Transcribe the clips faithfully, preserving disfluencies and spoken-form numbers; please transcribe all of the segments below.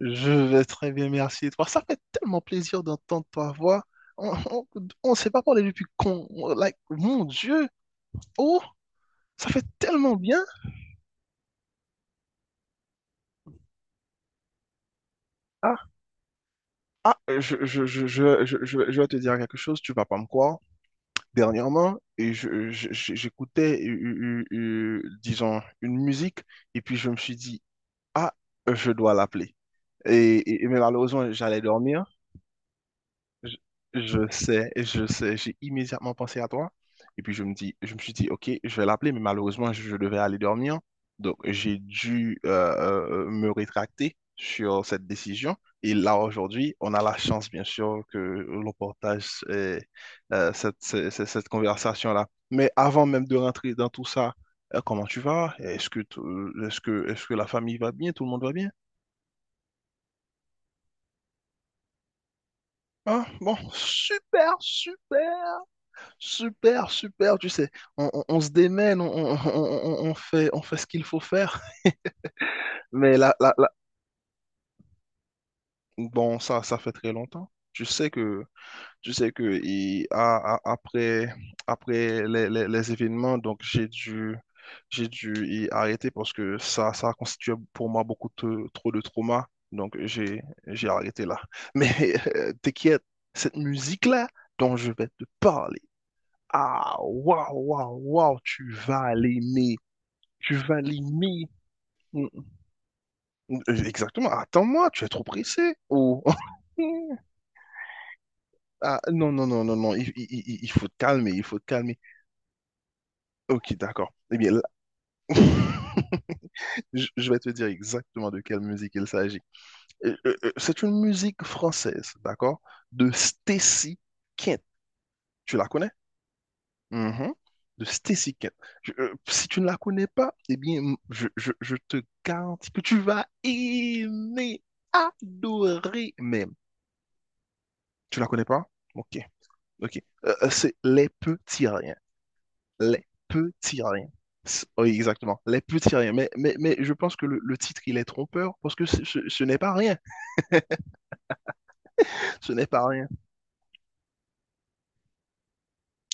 Je vais très bien, merci. Et toi, ça fait tellement plaisir d'entendre ta voix. On, on, s'est pas parlé depuis qu'on, like, mon Dieu. Oh, ça fait tellement bien. Ah, ah, je, je, je, je, je, je- je vais te dire quelque chose, tu vas pas me croire. Dernièrement, et je, je- je- j'écoutais, euh, euh, euh, euh, disons, une musique, et puis je me suis dit, ah, je dois l'appeler. Et, et, et malheureusement, j'allais dormir. Je, je sais, je sais, j'ai immédiatement pensé à toi. Et puis je me dis, je me suis dit, ok, je vais l'appeler, mais malheureusement, je, je devais aller dormir. Donc j'ai dû euh, euh, me rétracter sur cette décision. Et là, aujourd'hui, on a la chance, bien sûr, que l'on partage euh, euh, cette, ce- ce- cette conversation-là. Mais avant même de rentrer dans tout ça, euh, comment tu vas? Est-ce que, t- euh, est-ce que, est-ce que la famille va bien? Tout le monde va bien? Ah bon, super, super. Super, super, tu sais, on, on- on se démène, on, on- on- on- on fait, on fait ce qu'il faut faire. Mais là, là, là- bon, ça, ça fait très longtemps. Tu sais que, tu sais que il- a- a- après, après les, les- les événements, donc j'ai dû, j'ai dû y arrêter parce que ça, ça a constitué pour moi beaucoup de- trop de trauma. Donc j'ai, j'ai arrêté là. Mais euh, t'inquiète, cette musique-là dont je vais te parler. Ah, waouh, waouh, waouh, tu vas l'aimer. Tu vas l'aimer. Mm, mm. Euh, Exactement. Attends-moi, tu es trop pressé. Oh. Ah, non, non, non, non, non. Il, il- il- il faut te calmer, il faut te calmer. Ok, d'accord. Eh bien, là, je je vais te dire exactement de quelle musique il s'agit. Euh, euh, euh, C'est une musique française, d'accord? De Stacy Kent. Tu la connais? Mhm. De Stacy Kent. Je- euh, si tu ne la connais pas, eh bien, m- je, je- je te garantis que tu vas aimer, adorer, mais tu la connais pas? Ok, ok. Euh, euh, c'est les petits riens. Les petits riens. C'est- Oui, exactement. Les petits riens. Mais, mais, mais je pense que le, le titre, il est trompeur parce que ce, ce- ce n'est pas rien. Ce n'est pas rien.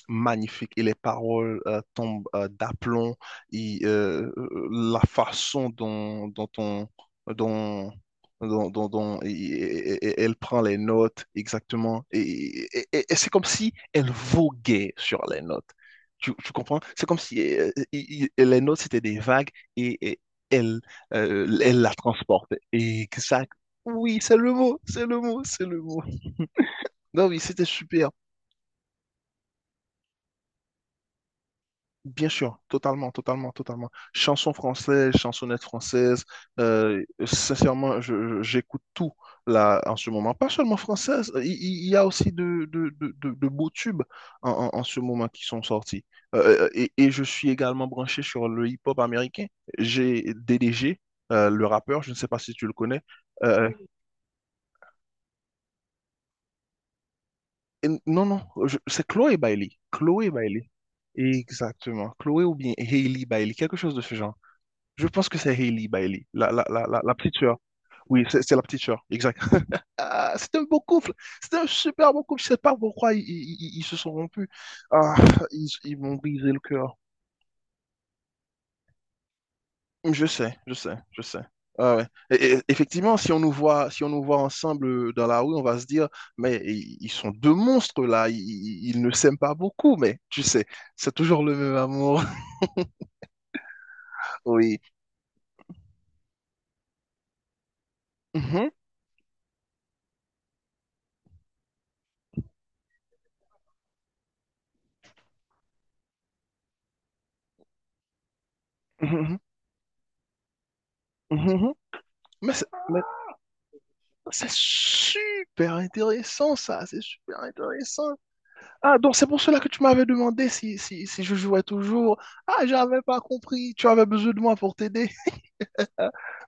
Magnifique, et les paroles euh, tombent euh, d'aplomb, et euh, euh, la façon dont, dont on, dont, dont- dont- dont et- et- et- elle prend les notes exactement, et, et- et- et c'est comme si elle voguait sur les notes. Tu, tu comprends? C'est comme si euh, il- il- les notes c'était des vagues, et, et elle, euh, elle la transporte. Et que ça, oui, c'est le mot, c'est le mot, c'est le mot. Non, oui, c'était super. Bien sûr, totalement, totalement, totalement. Chansons françaises, chansonnettes françaises, euh, sincèrement, je- je- j'écoute tout là en ce moment. Pas seulement françaises, il, il- il y a aussi de, de, de, de- de beaux tubes en, en- en ce moment qui sont sortis. Euh, euh, euh, et, et je suis également branché sur le hip-hop américain. J'ai D D G, euh, le rappeur, je ne sais pas si tu le connais. Euh, et- non, non, je- c'est Chloé Bailey. Chloé Bailey. Exactement. Chloé ou bien Hailey Bailey, quelque chose de ce genre. Je pense que c'est Hailey Bailey, la, la, la, la, la petite sœur. Oui, c'est c'est la petite sœur, exact. Ah, c'était un beau couple, c'était un super beau couple. Je sais pas pourquoi ils, ils- ils- ils se sont rompus. Ah, ils, ils m'ont brisé le cœur. Je sais, je sais, je sais. Ah ouais. Et- et- effectivement, si on nous voit, si on nous voit ensemble euh, dans la rue, on va se dire, mais i- ils sont deux monstres là, ils, ils- ils ne s'aiment pas beaucoup, mais tu sais, c'est toujours le même amour. Oui. Mhm, mhm, mhm, mhm. Mais, c'est- C'est super intéressant, ça, c'est super intéressant. Ah, donc c'est pour cela que tu m'avais demandé si, si, si je jouais toujours. Ah, j'avais pas compris, tu avais besoin de moi pour t'aider.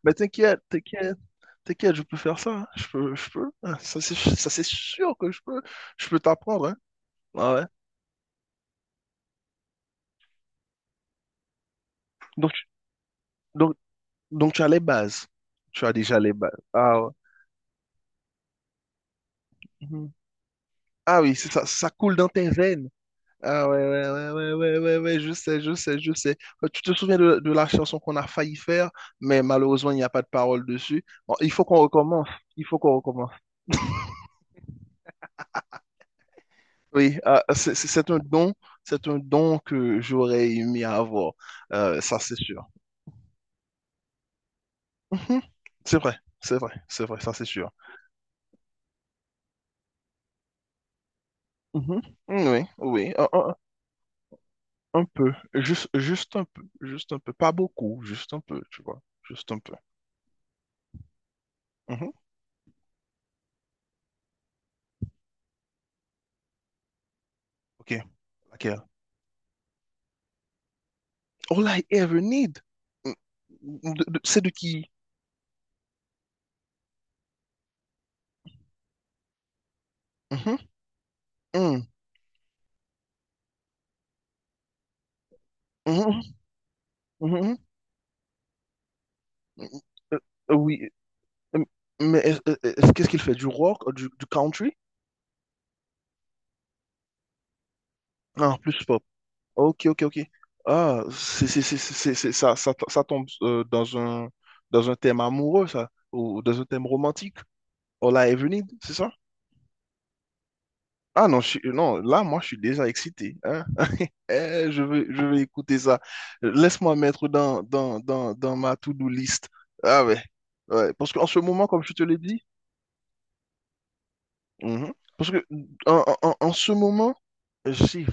Mais t'inquiète, t'inquiète, t'inquiète, je peux faire ça, hein. Je peux, je peux. Ah, ça c'est ça, c'est sûr que je peux, je peux t'apprendre, hein. Ah ouais. Donc, tu- donc, donc tu as les bases, tu as déjà les bases. Ah ouais. Mhm. Ah oui, c'est ça, ça coule dans tes veines. Ah ouais, ouais, ouais, ouais, ouais, ouais, ouais, ouais, je sais, je sais, je sais. Euh, Tu te souviens de, de la chanson qu'on a failli faire, mais malheureusement, il n'y a pas de parole dessus. Bon, il faut qu'on recommence. Il faut qu'on recommence. Oui, ah, c'est c'est- c'est un don. C'est un don que j'aurais aimé avoir. Euh, ça, c'est sûr. Mhm. C'est vrai, c'est vrai, c'est vrai, ça, c'est sûr. Mhm. Oui, oui, un, un- un peu. Juste, juste un peu. Juste un peu. Pas beaucoup, juste un peu, tu vois. Juste un peu. Mhm. Ok, laquelle? All I ever need. Mm, de- de- c'est de qui? Mhm, mm, mhm, mhm, mm, euh, euh, oui, euh, mais est-ce- euh, est-ce- qu'est-ce qu'il fait? Du rock, euh, du, du country? Ah, plus pop. Ok, ok, ok. Ah, c'est, c'est, c'est, c'est, c'est- c'est- ça, ça, ça tombe euh, dans un, dans un thème amoureux, ça, ou dans un thème romantique. All I ever need, c'est ça? Ah non, je suis- non, là, moi, je suis déjà excité, hein. Eh, je veux, je veux écouter ça. Laisse-moi mettre dans, dans, dans, dans ma to-do list. Ah ouais. Ouais, parce qu'en ce moment, comme je te l'ai dit, mhm, parce que en, en- en- en ce moment, j'ai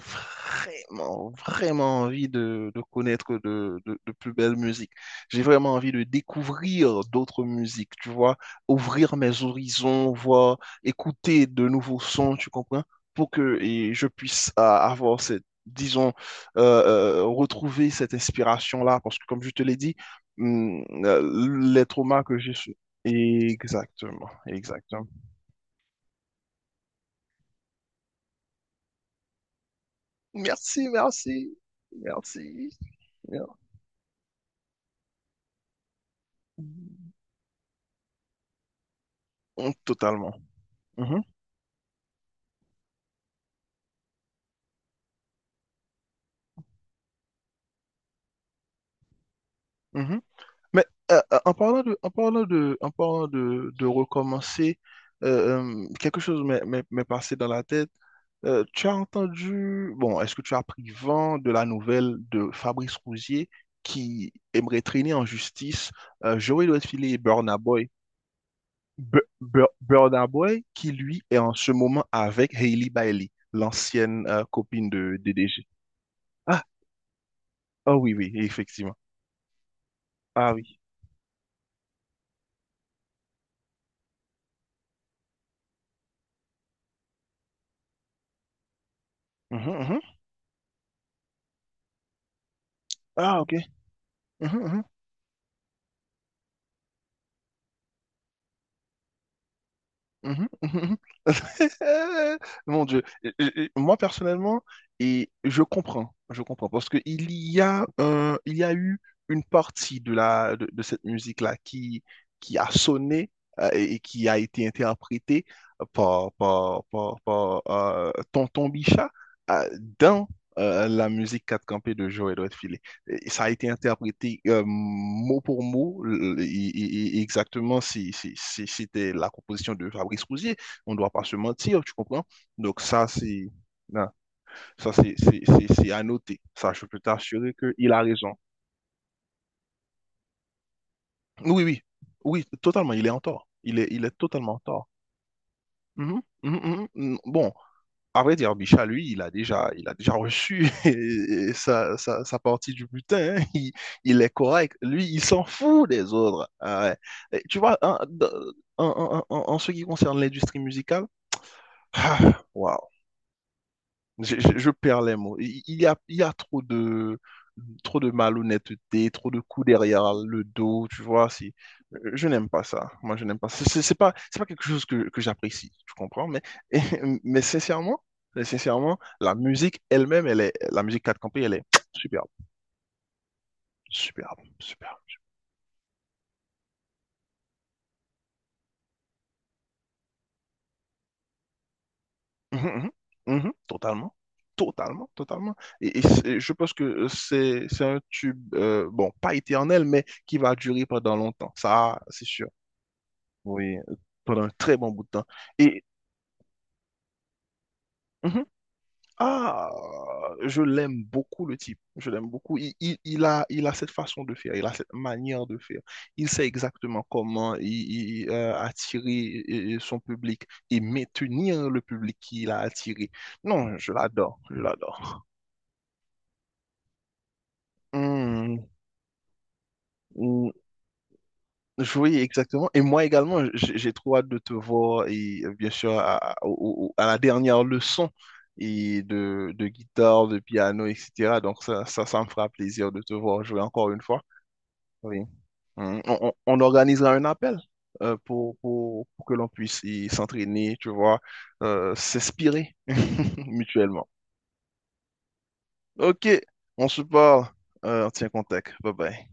vraiment, vraiment envie de, de connaître de, de, de plus belles musiques. J'ai vraiment envie de découvrir d'autres musiques, tu vois, ouvrir mes horizons, voir, écouter de nouveaux sons, tu comprends, pour que et je puisse a- avoir cette, disons, euh, euh, retrouver cette inspiration-là, parce que comme je te l'ai dit, hum, euh, les traumas que j'ai... su- Exactement, exactement. Merci, merci, merci. Mm, totalement. Mhm, mhm. Mais euh, euh, en parlant de, en parlant de, en parlant de, de recommencer, euh, euh, quelque chose m'est m'est- m'est passé dans la tête. Euh, tu as entendu, bon, est-ce que tu as pris vent de la nouvelle de Fabrice Rougier qui aimerait traîner en justice euh, Joey Redfield et Burna Boy? Bu- Bu- Burna Boy qui, lui, est en ce moment avec Hailey Bailey, l'ancienne euh, copine de D D G. Ah, ah oui, oui, effectivement. Ah oui. Mhm, mhm. Ah, ok. Mhm, mhm, mhm, mhm. Mon Dieu. Et- et- et Moi, personnellement, et je comprends, je comprends, parce que il y a, un- il y a eu une partie de la, de, de cette musique-là qui, qui a sonné euh, et et qui a été interprétée par, par, par, par, euh, Tonton Bichat, euh, dans euh, la musique quatre campés de Joël Redfield. et ça a été interprété euh, mot pour mot, l- et- et- et exactement si, si- si- si c'était la composition de Fabrice Rousier. On ne doit pas se mentir, tu comprends? Donc ça, c'est non, ça, c'est c'est- c'est- c'est à noter. Ça, je peux t'assurer qu'il a raison. Oui, oui, oui, totalement, il est en tort. Il est, il est totalement en tort. Mhm, mhm, mhm, mhm. Bon, à vrai dire, Micha, lui, il a déjà, il a déjà reçu sa, sa- sa partie du butin, hein. Il, il est correct. Lui, il s'en fout des autres. Ah ouais. Et tu vois, en, en- en- en- en ce qui concerne l'industrie musicale, ah, waouh. Je, je- je perds les mots. Il il y a, il y a trop de, trop de, malhonnêteté, trop de coups derrière le dos, tu vois. c'est- euh, Je n'aime pas ça. Moi, je n'aime pas. C'est c'est- c'est pas, c'est pas quelque chose que, que j'apprécie, tu comprends? Mais, mais sincèrement, mais sincèrement, la musique elle-même, elle est, la musique quatre campé, elle est superbe, superbe, superbe. Mhm, mhm, mhm, totalement. Totalement, totalement. Et, et c'est- je pense que c'est c'est un tube, euh, bon, pas éternel, mais qui va durer pendant longtemps. Ça, c'est sûr. Oui, pendant un très bon bout de temps. Et mhm. ah, je l'aime beaucoup, le type. Je l'aime beaucoup. Il, il- il a, il a cette façon de faire, il a cette manière de faire. Il sait exactement comment il, il- euh, attirer euh, euh, son public et maintenir le public qu'il a attiré. Non, je l'adore, je l'adore. Hmm, hmm. Oui, exactement. Et moi également, j'ai j'ai trop hâte de te voir et euh, bien sûr à, à- au- au- à la dernière leçon et de, de guitare, de piano, et cetera. Donc ça, ça, ça me fera plaisir de te voir jouer encore une fois. Oui. Mm. On, on- on organisera un appel euh, pour, pour, pour que l'on puisse y s'entraîner, tu vois, euh, s'inspirer mutuellement. Ok, on se parle. Euh, on tient contact. Bye bye.